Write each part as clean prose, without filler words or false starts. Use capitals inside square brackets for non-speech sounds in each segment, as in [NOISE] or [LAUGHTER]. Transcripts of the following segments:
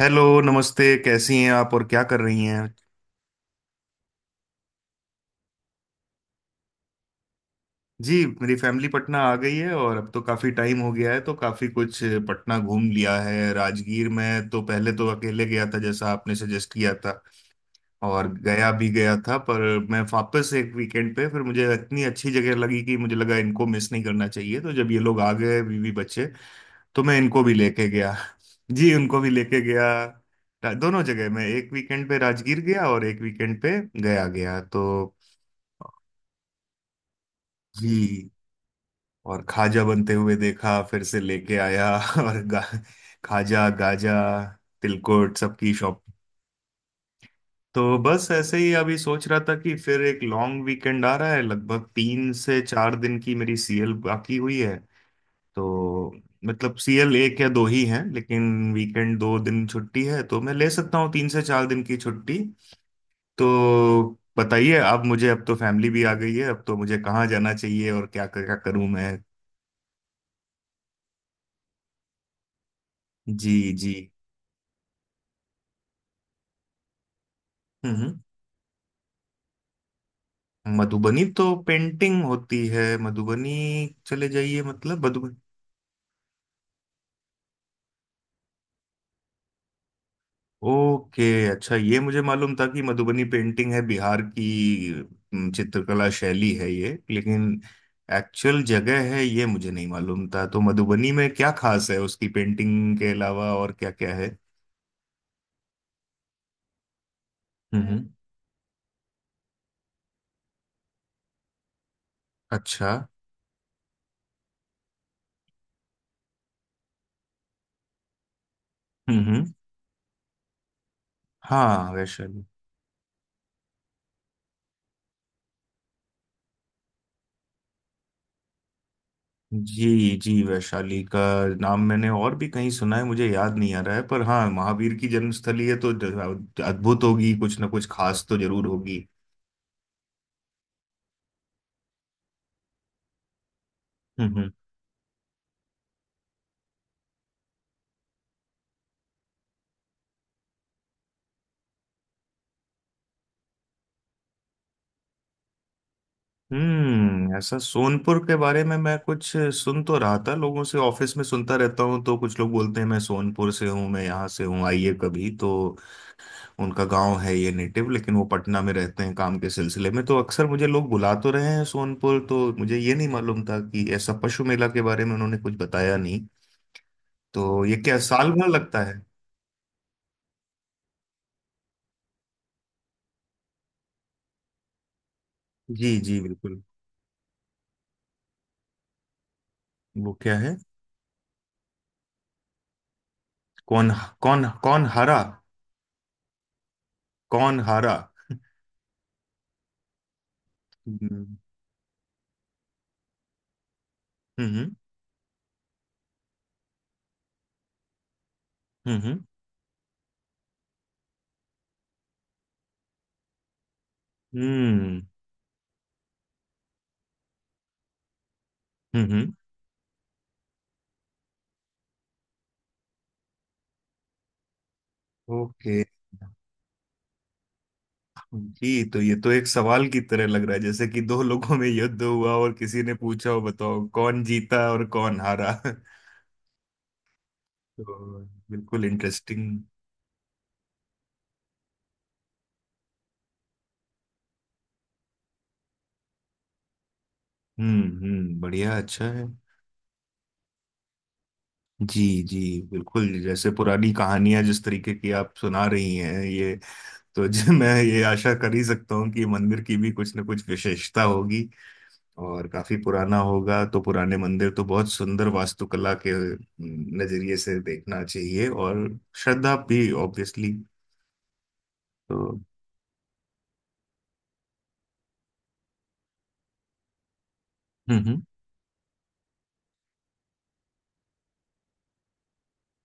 Hello, नमस्ते। कैसी हैं आप और क्या कर रही हैं? जी, मेरी फैमिली पटना आ गई है और अब तो काफ़ी टाइम हो गया है तो काफ़ी कुछ पटना घूम लिया है। राजगीर में तो पहले तो अकेले गया था जैसा आपने सजेस्ट किया था, और गया भी गया था, पर मैं वापस एक वीकेंड पे, फिर मुझे इतनी अच्छी जगह लगी कि मुझे लगा इनको मिस नहीं करना चाहिए, तो जब ये लोग आ गए, बीवी बच्चे, तो मैं इनको भी लेके गया। [LAUGHS] जी, उनको भी लेके गया। दोनों जगह, मैं एक वीकेंड पे राजगीर गया और एक वीकेंड पे गया गया तो। जी, और खाजा बनते हुए देखा, फिर से लेके आया। [LAUGHS] और खाजा गाजा, तिलकुट, सबकी शॉप। तो बस ऐसे ही अभी सोच रहा था कि फिर एक लॉन्ग वीकेंड आ रहा है। लगभग 3 से 4 दिन की मेरी सीएल बाकी हुई है तो। मतलब सीएल एक या दो ही हैं, लेकिन वीकेंड 2 दिन छुट्टी है तो मैं ले सकता हूँ 3 से 4 दिन की छुट्टी। तो बताइए अब मुझे, अब तो फैमिली भी आ गई है, अब तो मुझे कहाँ जाना चाहिए और क्या क्या करूँ मैं? जी। जी। हम्म। हम्म। मधुबनी तो पेंटिंग होती है मधुबनी। चले जाइए मतलब मधुबनी? ओके। अच्छा, ये मुझे मालूम था कि मधुबनी पेंटिंग है बिहार की। चित्रकला शैली है ये, लेकिन एक्चुअल जगह है ये मुझे नहीं मालूम था। तो मधुबनी में क्या खास है उसकी पेंटिंग के अलावा, और क्या क्या है? हम्म। अच्छा। हम्म। हम्म। हाँ, वैशाली। जी जी, वैशाली का नाम मैंने और भी कहीं सुना है, मुझे याद नहीं आ रहा है, पर हाँ, महावीर की जन्मस्थली है तो अद्भुत होगी, कुछ ना कुछ खास तो जरूर होगी। हम्म। हम्म। ऐसा सोनपुर के बारे में मैं कुछ सुन तो रहा था, लोगों से ऑफिस में सुनता रहता हूँ, तो कुछ लोग बोलते हैं मैं सोनपुर से हूँ, मैं यहाँ से हूँ, आइए कभी तो। उनका गांव है ये, नेटिव, लेकिन वो पटना में रहते हैं काम के सिलसिले में, तो अक्सर मुझे लोग बुला तो रहे हैं सोनपुर, तो मुझे ये नहीं मालूम था कि ऐसा पशु मेला के बारे में उन्होंने कुछ बताया नहीं। तो ये क्या साल भर लगता है? जी जी, बिल्कुल। वो क्या है? कौन? कौन कौन हारा? कौन हारा? हम्म। हम्म। हम्म। हम्म। हम्म। हम्म, हम्म। ओके। जी, तो ये तो एक सवाल की तरह लग रहा है जैसे कि दो लोगों में युद्ध हुआ और किसी ने पूछा हो बताओ कौन जीता और कौन हारा। [LAUGHS] तो बिल्कुल इंटरेस्टिंग। हम्म, बढ़िया, अच्छा है। जी जी, बिल्कुल। जैसे पुरानी कहानियां जिस तरीके की आप सुना रही हैं ये, तो जी, [LAUGHS] मैं ये आशा कर ही सकता हूँ कि मंदिर की भी कुछ ना कुछ विशेषता होगी और काफी पुराना होगा, तो पुराने मंदिर तो बहुत सुंदर वास्तुकला के नजरिए से देखना चाहिए, और श्रद्धा भी ऑब्वियसली। तो हम्म। हम्म।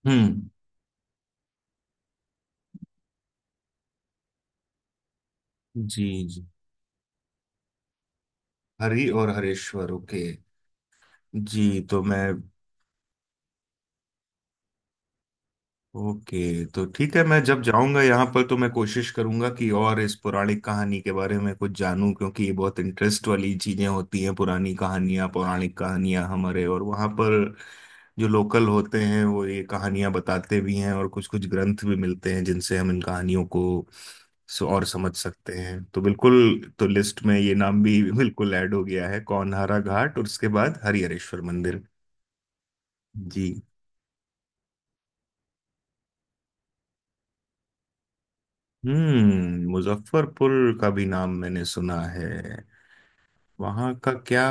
हम्म, जी जी। हरि और हरेश्वर, ओके। जी तो मैं, ओके, तो ठीक है, मैं जब जाऊंगा यहाँ पर तो मैं कोशिश करूंगा कि और इस पौराणिक कहानी के बारे में कुछ जानूं, क्योंकि ये बहुत इंटरेस्ट वाली चीजें होती हैं, पुरानी कहानियां, पौराणिक कहानियां, हमारे और वहाँ पर जो लोकल होते हैं वो ये कहानियां बताते भी हैं, और कुछ कुछ ग्रंथ भी मिलते हैं जिनसे हम इन कहानियों को और समझ सकते हैं। तो बिल्कुल, तो लिस्ट में ये नाम भी बिल्कुल ऐड हो गया है, कौनहारा घाट और उसके बाद हरिहरेश्वर मंदिर। जी। हम्म, मुजफ्फरपुर का भी नाम मैंने सुना है। वहां का क्या?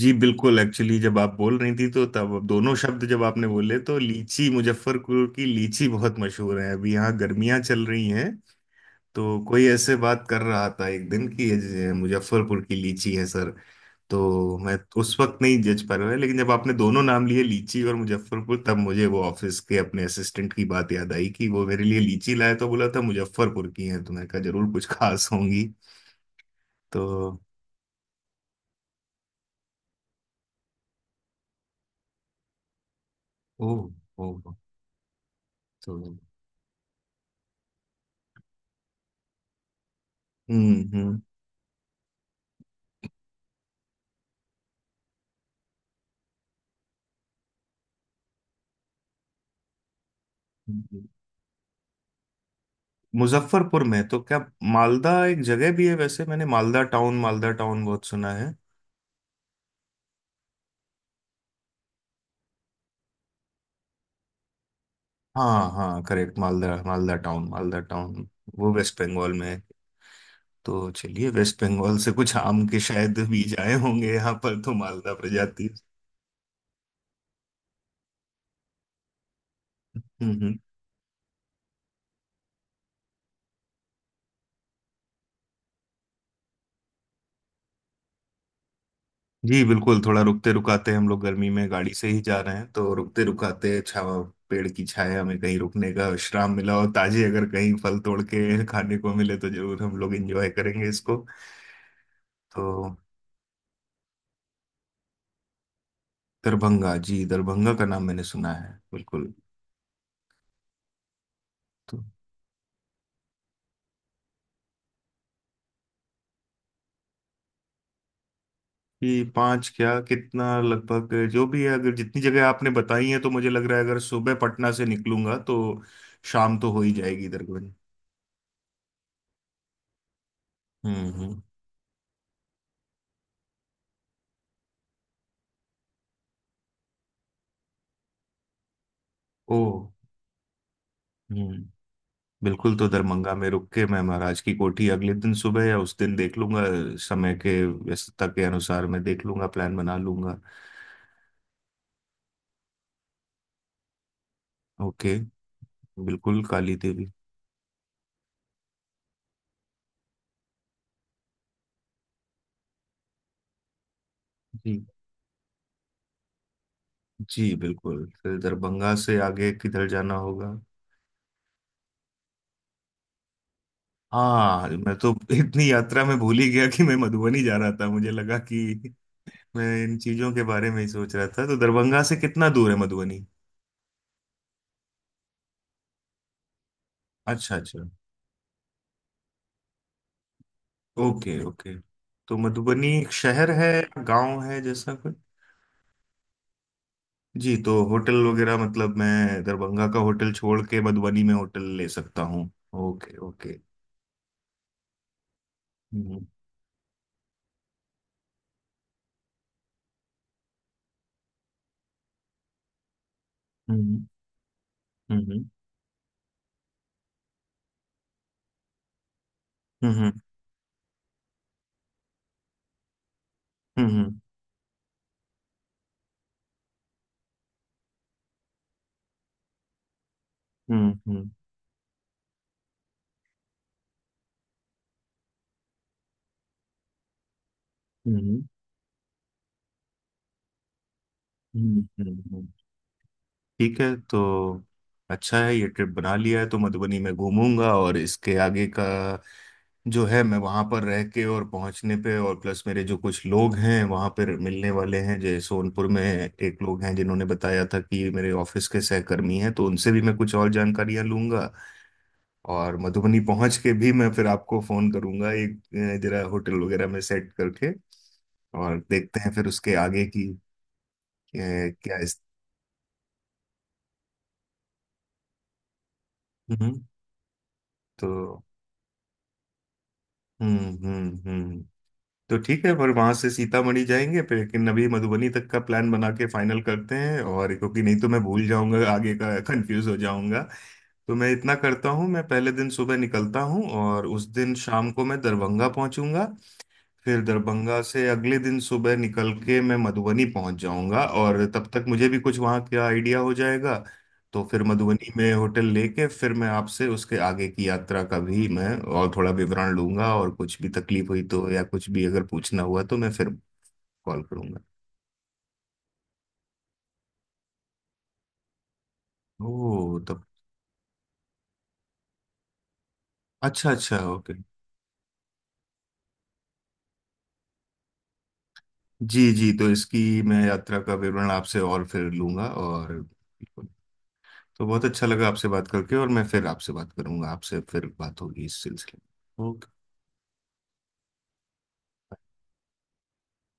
जी, बिल्कुल। एक्चुअली जब आप बोल रही थी तो तब अब दोनों शब्द जब आपने बोले तो लीची, मुजफ्फरपुर की लीची बहुत मशहूर है। अभी यहाँ गर्मियाँ चल रही हैं, तो कोई ऐसे बात कर रहा था एक दिन कि ये जो मुजफ्फरपुर की लीची है, सर, तो मैं उस वक्त नहीं जज पा रहा, लेकिन जब आपने दोनों नाम लिए, लीची और मुजफ्फरपुर, तब मुझे वो ऑफिस के अपने असिस्टेंट की बात याद आई कि वो मेरे लिए लीची लाए तो बोला था मुजफ्फरपुर की है, तो मैंने कहा जरूर कुछ खास होंगी। तो ओ। ओ। तो हम्म। हम्म। हम्म। मुजफ्फरपुर में तो क्या, मालदा एक जगह भी है वैसे। मैंने मालदा टाउन, मालदा टाउन बहुत सुना। हाँ हाँ, करेक्ट, मालदा, मालदा टाउन वो वेस्ट बंगाल में है। तो चलिए, वेस्ट बंगाल से कुछ आम के शायद बीज आए होंगे यहाँ पर, तो मालदा प्रजाति। हम्म। हम्म। जी, बिल्कुल। थोड़ा रुकते रुकाते, हम लोग गर्मी में गाड़ी से ही जा रहे हैं, तो रुकते रुकाते छावा पेड़ की छाया में कहीं रुकने का विश्राम मिला और ताजे अगर कहीं फल तोड़ के खाने को मिले तो जरूर हम लोग एंजॉय करेंगे इसको। तो दरभंगा। जी, दरभंगा का नाम मैंने सुना है बिल्कुल। तो कि पांच क्या कितना लगभग जो भी है, अगर जितनी जगह आपने बताई है, तो मुझे लग रहा है अगर सुबह पटना से निकलूंगा तो शाम तो हो ही जाएगी दरमियान। हम्म। हम्म। ओ। हम्म। बिल्कुल, तो दरभंगा में रुक के मैं महाराज की कोठी अगले दिन सुबह या उस दिन देख लूंगा, समय के व्यस्तता के अनुसार मैं देख लूंगा, प्लान बना लूंगा। ओके। बिल्कुल, काली देवी। जी जी, बिल्कुल। फिर दरभंगा से आगे किधर जाना होगा? हाँ, मैं तो इतनी यात्रा में भूल ही गया कि मैं मधुबनी जा रहा था, मुझे लगा कि मैं इन चीजों के बारे में ही सोच रहा था। तो दरभंगा से कितना दूर है मधुबनी? अच्छा अच्छा। Okay okay. तो मधुबनी एक शहर है, गांव है, जैसा कुछ? जी, तो होटल वगैरह मतलब मैं दरभंगा का होटल छोड़ के मधुबनी में होटल ले सकता हूँ? Okay okay. हम्म। हम्म। हम्म। हम्म। हम्म। हम्म। हम्म। हम्म। हम्म। ठीक है, तो अच्छा है, ये ट्रिप बना लिया है, तो मधुबनी में घूमूंगा, और इसके आगे का जो है मैं वहां पर रह के और पहुंचने पे, और प्लस मेरे जो कुछ लोग हैं वहां पर मिलने वाले हैं, जैसे सोनपुर में एक लोग हैं जिन्होंने बताया था कि ये मेरे ऑफिस के सहकर्मी हैं, तो उनसे भी मैं कुछ और जानकारियां लूंगा। और मधुबनी पहुंच के भी मैं फिर आपको फोन करूंगा एक, जरा होटल वगैरह में सेट करके, और देखते हैं फिर उसके आगे की। क्या इस, हम्म। तो हम्म। हम्म। हम्म। तो ठीक है, पर वहां से सीतामढ़ी जाएंगे फिर, लेकिन अभी मधुबनी तक का प्लान बना के फाइनल करते हैं, और क्योंकि नहीं तो मैं भूल जाऊंगा, आगे का कंफ्यूज हो जाऊंगा। तो मैं इतना करता हूँ, मैं पहले दिन सुबह निकलता हूँ और उस दिन शाम को मैं दरभंगा पहुंचूंगा। फिर दरभंगा से अगले दिन सुबह निकल के मैं मधुबनी पहुंच जाऊंगा, और तब तक मुझे भी कुछ वहां का आइडिया हो जाएगा। तो फिर मधुबनी में होटल लेके फिर मैं आपसे उसके आगे की यात्रा का भी मैं और थोड़ा विवरण लूंगा, और कुछ भी तकलीफ हुई तो या कुछ भी अगर पूछना हुआ तो मैं फिर कॉल करूंगा। ओह तब। अच्छा अच्छा, ओके। जी जी, तो इसकी मैं यात्रा का विवरण आपसे और फिर लूंगा और बिल्कुल। तो बहुत अच्छा लगा आपसे बात करके, और मैं फिर आपसे बात करूंगा, आपसे फिर बात होगी इस सिलसिले में। ओके।